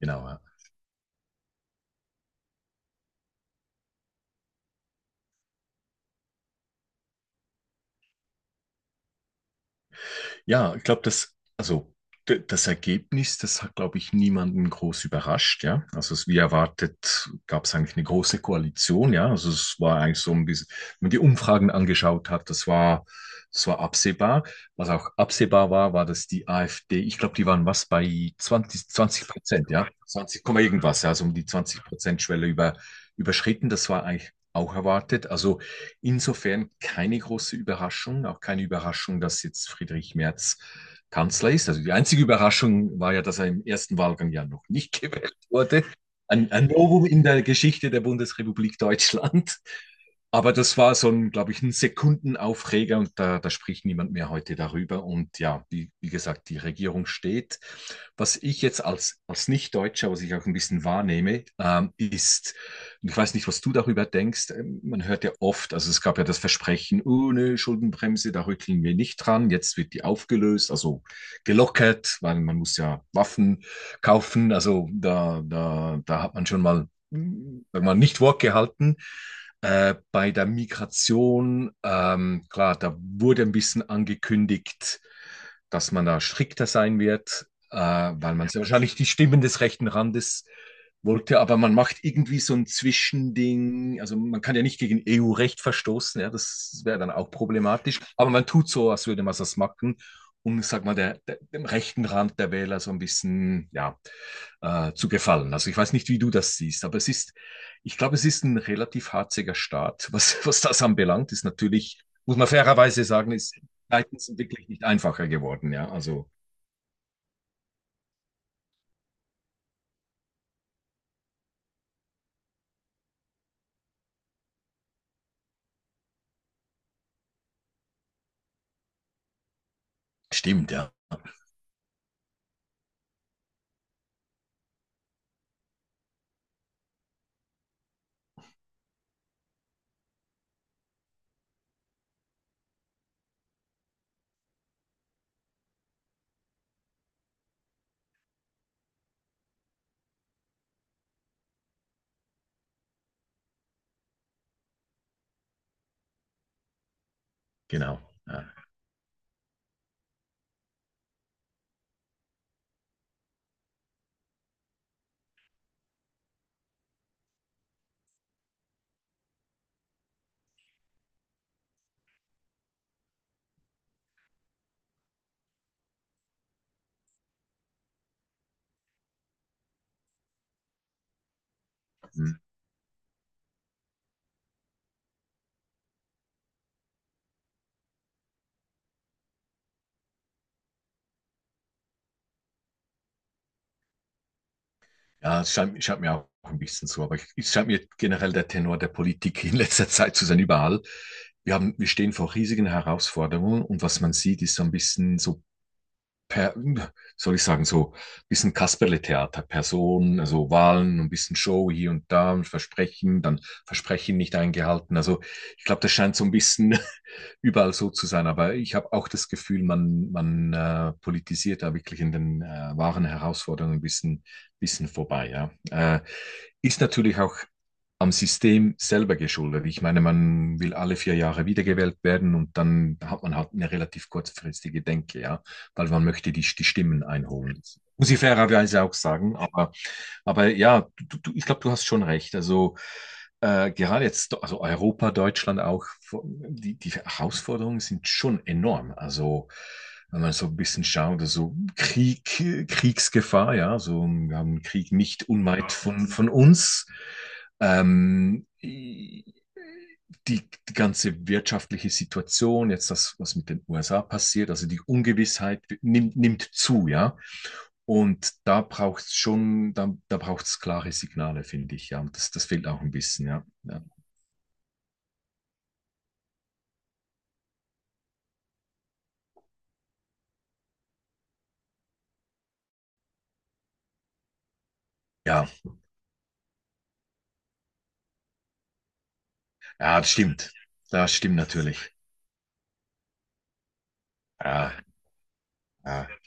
Genau, ja. Ja, ich glaube, das, also das Ergebnis, das hat, glaube ich, niemanden groß überrascht, ja. Also es, wie erwartet, gab es eigentlich eine große Koalition, ja. Also es war eigentlich so ein bisschen, wenn man die Umfragen angeschaut hat, das war absehbar. Was auch absehbar war, war, dass die AfD, ich glaube, die waren was bei zwanzig 20%, ja. 20, Komma irgendwas, ja. Also um die 20% Schwelle überschritten. Das war eigentlich auch erwartet. Also insofern keine große Überraschung, auch keine Überraschung, dass jetzt Friedrich Merz Kanzler ist. Also die einzige Überraschung war ja, dass er im ersten Wahlgang ja noch nicht gewählt wurde. Ein Novum in der Geschichte der Bundesrepublik Deutschland. Aber das war so ein, glaube ich, ein Sekundenaufreger und da spricht niemand mehr heute darüber. Und ja, wie gesagt, die Regierung steht. Was ich jetzt als Nicht-Deutscher, was ich auch ein bisschen wahrnehme, ist, und ich weiß nicht, was du darüber denkst. Man hört ja oft, also es gab ja das Versprechen, ohne Schuldenbremse, da rütteln wir nicht dran. Jetzt wird die aufgelöst, also gelockert, weil man muss ja Waffen kaufen. Also da hat man schon mal, sag mal, nicht Wort gehalten. Bei der Migration, klar, da wurde ein bisschen angekündigt, dass man da strikter sein wird, weil man sehr wahrscheinlich die Stimmen des rechten Randes wollte, aber man macht irgendwie so ein Zwischending. Also man kann ja nicht gegen EU-Recht verstoßen, ja, das wäre dann auch problematisch. Aber man tut so, als würde man das machen, um, sag mal, dem rechten Rand der Wähler so ein bisschen ja, zu gefallen. Also ich weiß nicht, wie du das siehst, aber es ist, ich glaube, es ist ein relativ harziger Staat, was das anbelangt. Ist natürlich, muss man fairerweise sagen, ist Zeiten sind wirklich nicht einfacher geworden, ja. Also stimmt, ja, genau. Ja. Hm. Ja, es scheint mir auch ein bisschen so, aber es scheint mir generell der Tenor der Politik in letzter Zeit zu sein, überall. Wir stehen vor riesigen Herausforderungen und was man sieht, ist so ein bisschen so, per, soll ich sagen, so ein bisschen Kasperle-Theater, Personen, also Wahlen, ein bisschen Show hier und da und Versprechen, dann Versprechen nicht eingehalten. Also ich glaube, das scheint so ein bisschen überall so zu sein. Aber ich habe auch das Gefühl, man politisiert da wirklich in den wahren Herausforderungen ein bisschen vorbei. Ja. Ist natürlich auch am System selber geschuldet. Ich meine, man will alle 4 Jahre wiedergewählt werden und dann hat man halt eine relativ kurzfristige Denke, ja, weil man möchte die Stimmen einholen. Muss ich fairerweise auch sagen, aber ja, du, ich glaube, du hast schon recht. Also gerade jetzt, also Europa, Deutschland auch, die Herausforderungen sind schon enorm. Also wenn man so ein bisschen schaut, also Krieg, Kriegsgefahr, ja, so wir haben einen Krieg nicht unweit von uns. Ähm, die, die ganze wirtschaftliche Situation, jetzt das, was mit den USA passiert, also die Ungewissheit nimmt zu, ja. Und da braucht es schon, da braucht es klare Signale, finde ich, ja. Und das fehlt auch ein bisschen, ja. Ja, ja, ja, das stimmt. Das stimmt natürlich. Ja, ja,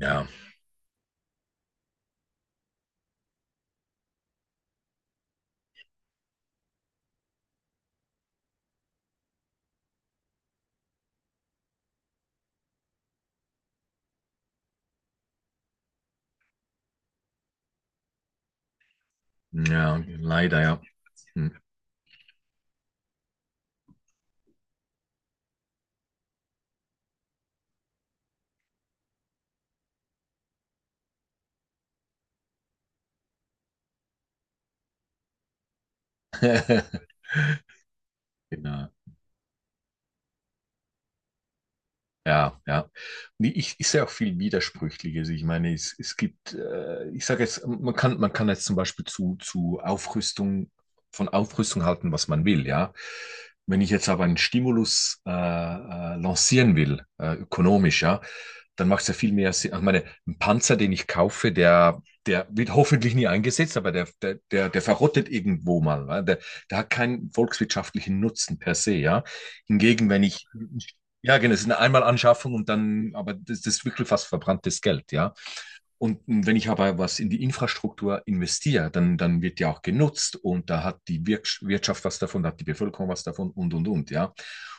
ja, ja, leider, ja. Hm. Genau. Ja, ja. Nee, ich sehe auch viel Widersprüchliches. Ich meine, es gibt, ich sage jetzt, man kann jetzt zum Beispiel zu Aufrüstung, von Aufrüstung halten, was man will, ja. Wenn ich jetzt aber einen Stimulus lancieren will, ökonomisch, ja, dann macht es ja viel mehr Sinn. Ich meine, ein Panzer, den ich kaufe, der wird hoffentlich nie eingesetzt, aber der verrottet irgendwo mal. Weil der hat keinen volkswirtschaftlichen Nutzen per se, ja. Hingegen, wenn ich ein ja, genau, es ist eine Einmalanschaffung und dann, aber das ist wirklich fast verbranntes Geld, ja. Und wenn ich aber was in die Infrastruktur investiere, dann wird ja auch genutzt und da hat die Wirtschaft was davon, da hat die Bevölkerung was davon und, ja.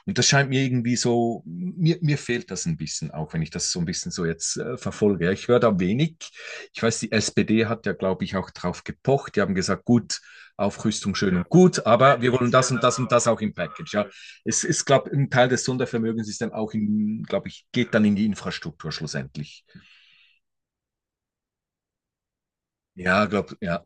Und das scheint mir irgendwie so, mir fehlt das ein bisschen, auch wenn ich das so ein bisschen so jetzt verfolge. Ja, ich höre da wenig. Ich weiß, die SPD hat ja, glaube ich, auch drauf gepocht. Die haben gesagt, gut, Aufrüstung schön und gut, aber wir wollen das und das und das auch im Package. Ja, es ist, glaube ich, ein Teil des Sondervermögens ist dann auch in, glaube ich, geht dann in die Infrastruktur schlussendlich. Ja, glaube ja.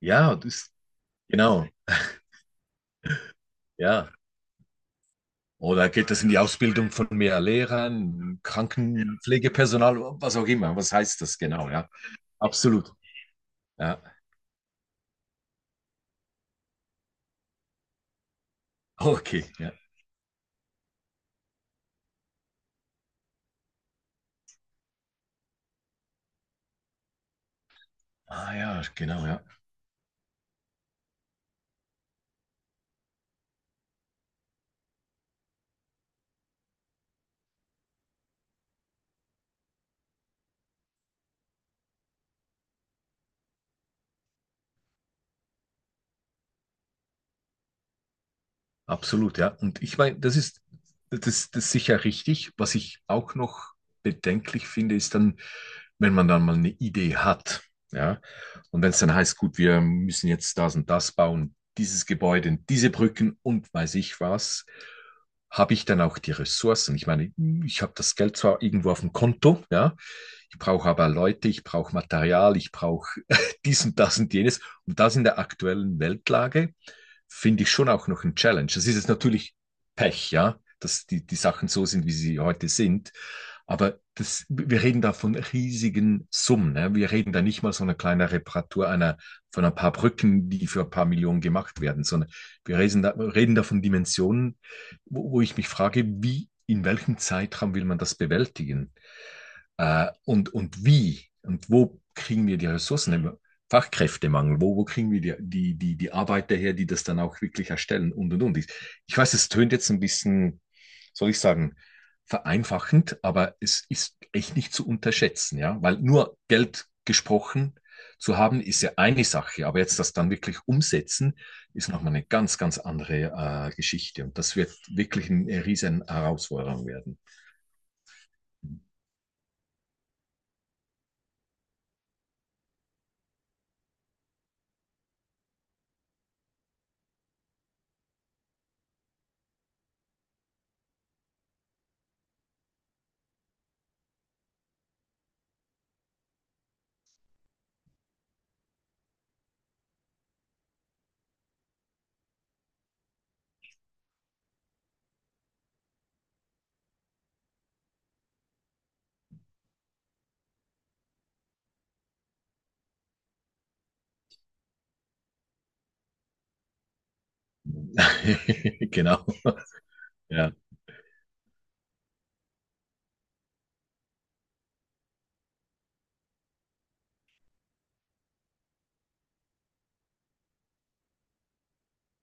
Ja, das, genau, ja. Oder geht das in die Ausbildung von mehr Lehrern, Krankenpflegepersonal, was auch immer? Was heißt das genau? Ja, absolut. Ja, okay. Ja. Ah ja, genau, ja. Absolut, ja. Und ich meine, das ist sicher richtig. Was ich auch noch bedenklich finde, ist dann, wenn man dann mal eine Idee hat, ja. Und wenn es dann heißt, gut, wir müssen jetzt das und das bauen, dieses Gebäude, diese Brücken und weiß ich was. Habe ich dann auch die Ressourcen? Ich meine, ich habe das Geld zwar irgendwo auf dem Konto, ja, ich brauche aber Leute, ich brauche Material, ich brauche dies und das und jenes. Und das in der aktuellen Weltlage finde ich schon auch noch ein Challenge. Das ist jetzt natürlich Pech, ja, dass die Sachen so sind, wie sie heute sind. Aber wir reden da von riesigen Summen. Ne? Wir reden da nicht mal so eine kleine Reparatur einer, von ein paar Brücken, die für ein paar Millionen gemacht werden, sondern wir reden da von Dimensionen, wo ich mich frage, wie, in welchem Zeitraum will man das bewältigen? Und wie und wo kriegen wir die Ressourcen im Fachkräftemangel? Wo kriegen wir die Arbeiter her, die das dann auch wirklich erstellen und und. Ich weiß, es tönt jetzt ein bisschen, soll ich sagen, vereinfachend, aber es ist echt nicht zu unterschätzen, ja, weil nur Geld gesprochen zu haben ist ja eine Sache, aber jetzt das dann wirklich umsetzen ist nochmal eine ganz, ganz andere Geschichte und das wird wirklich eine riesen Herausforderung werden. Genau, ja.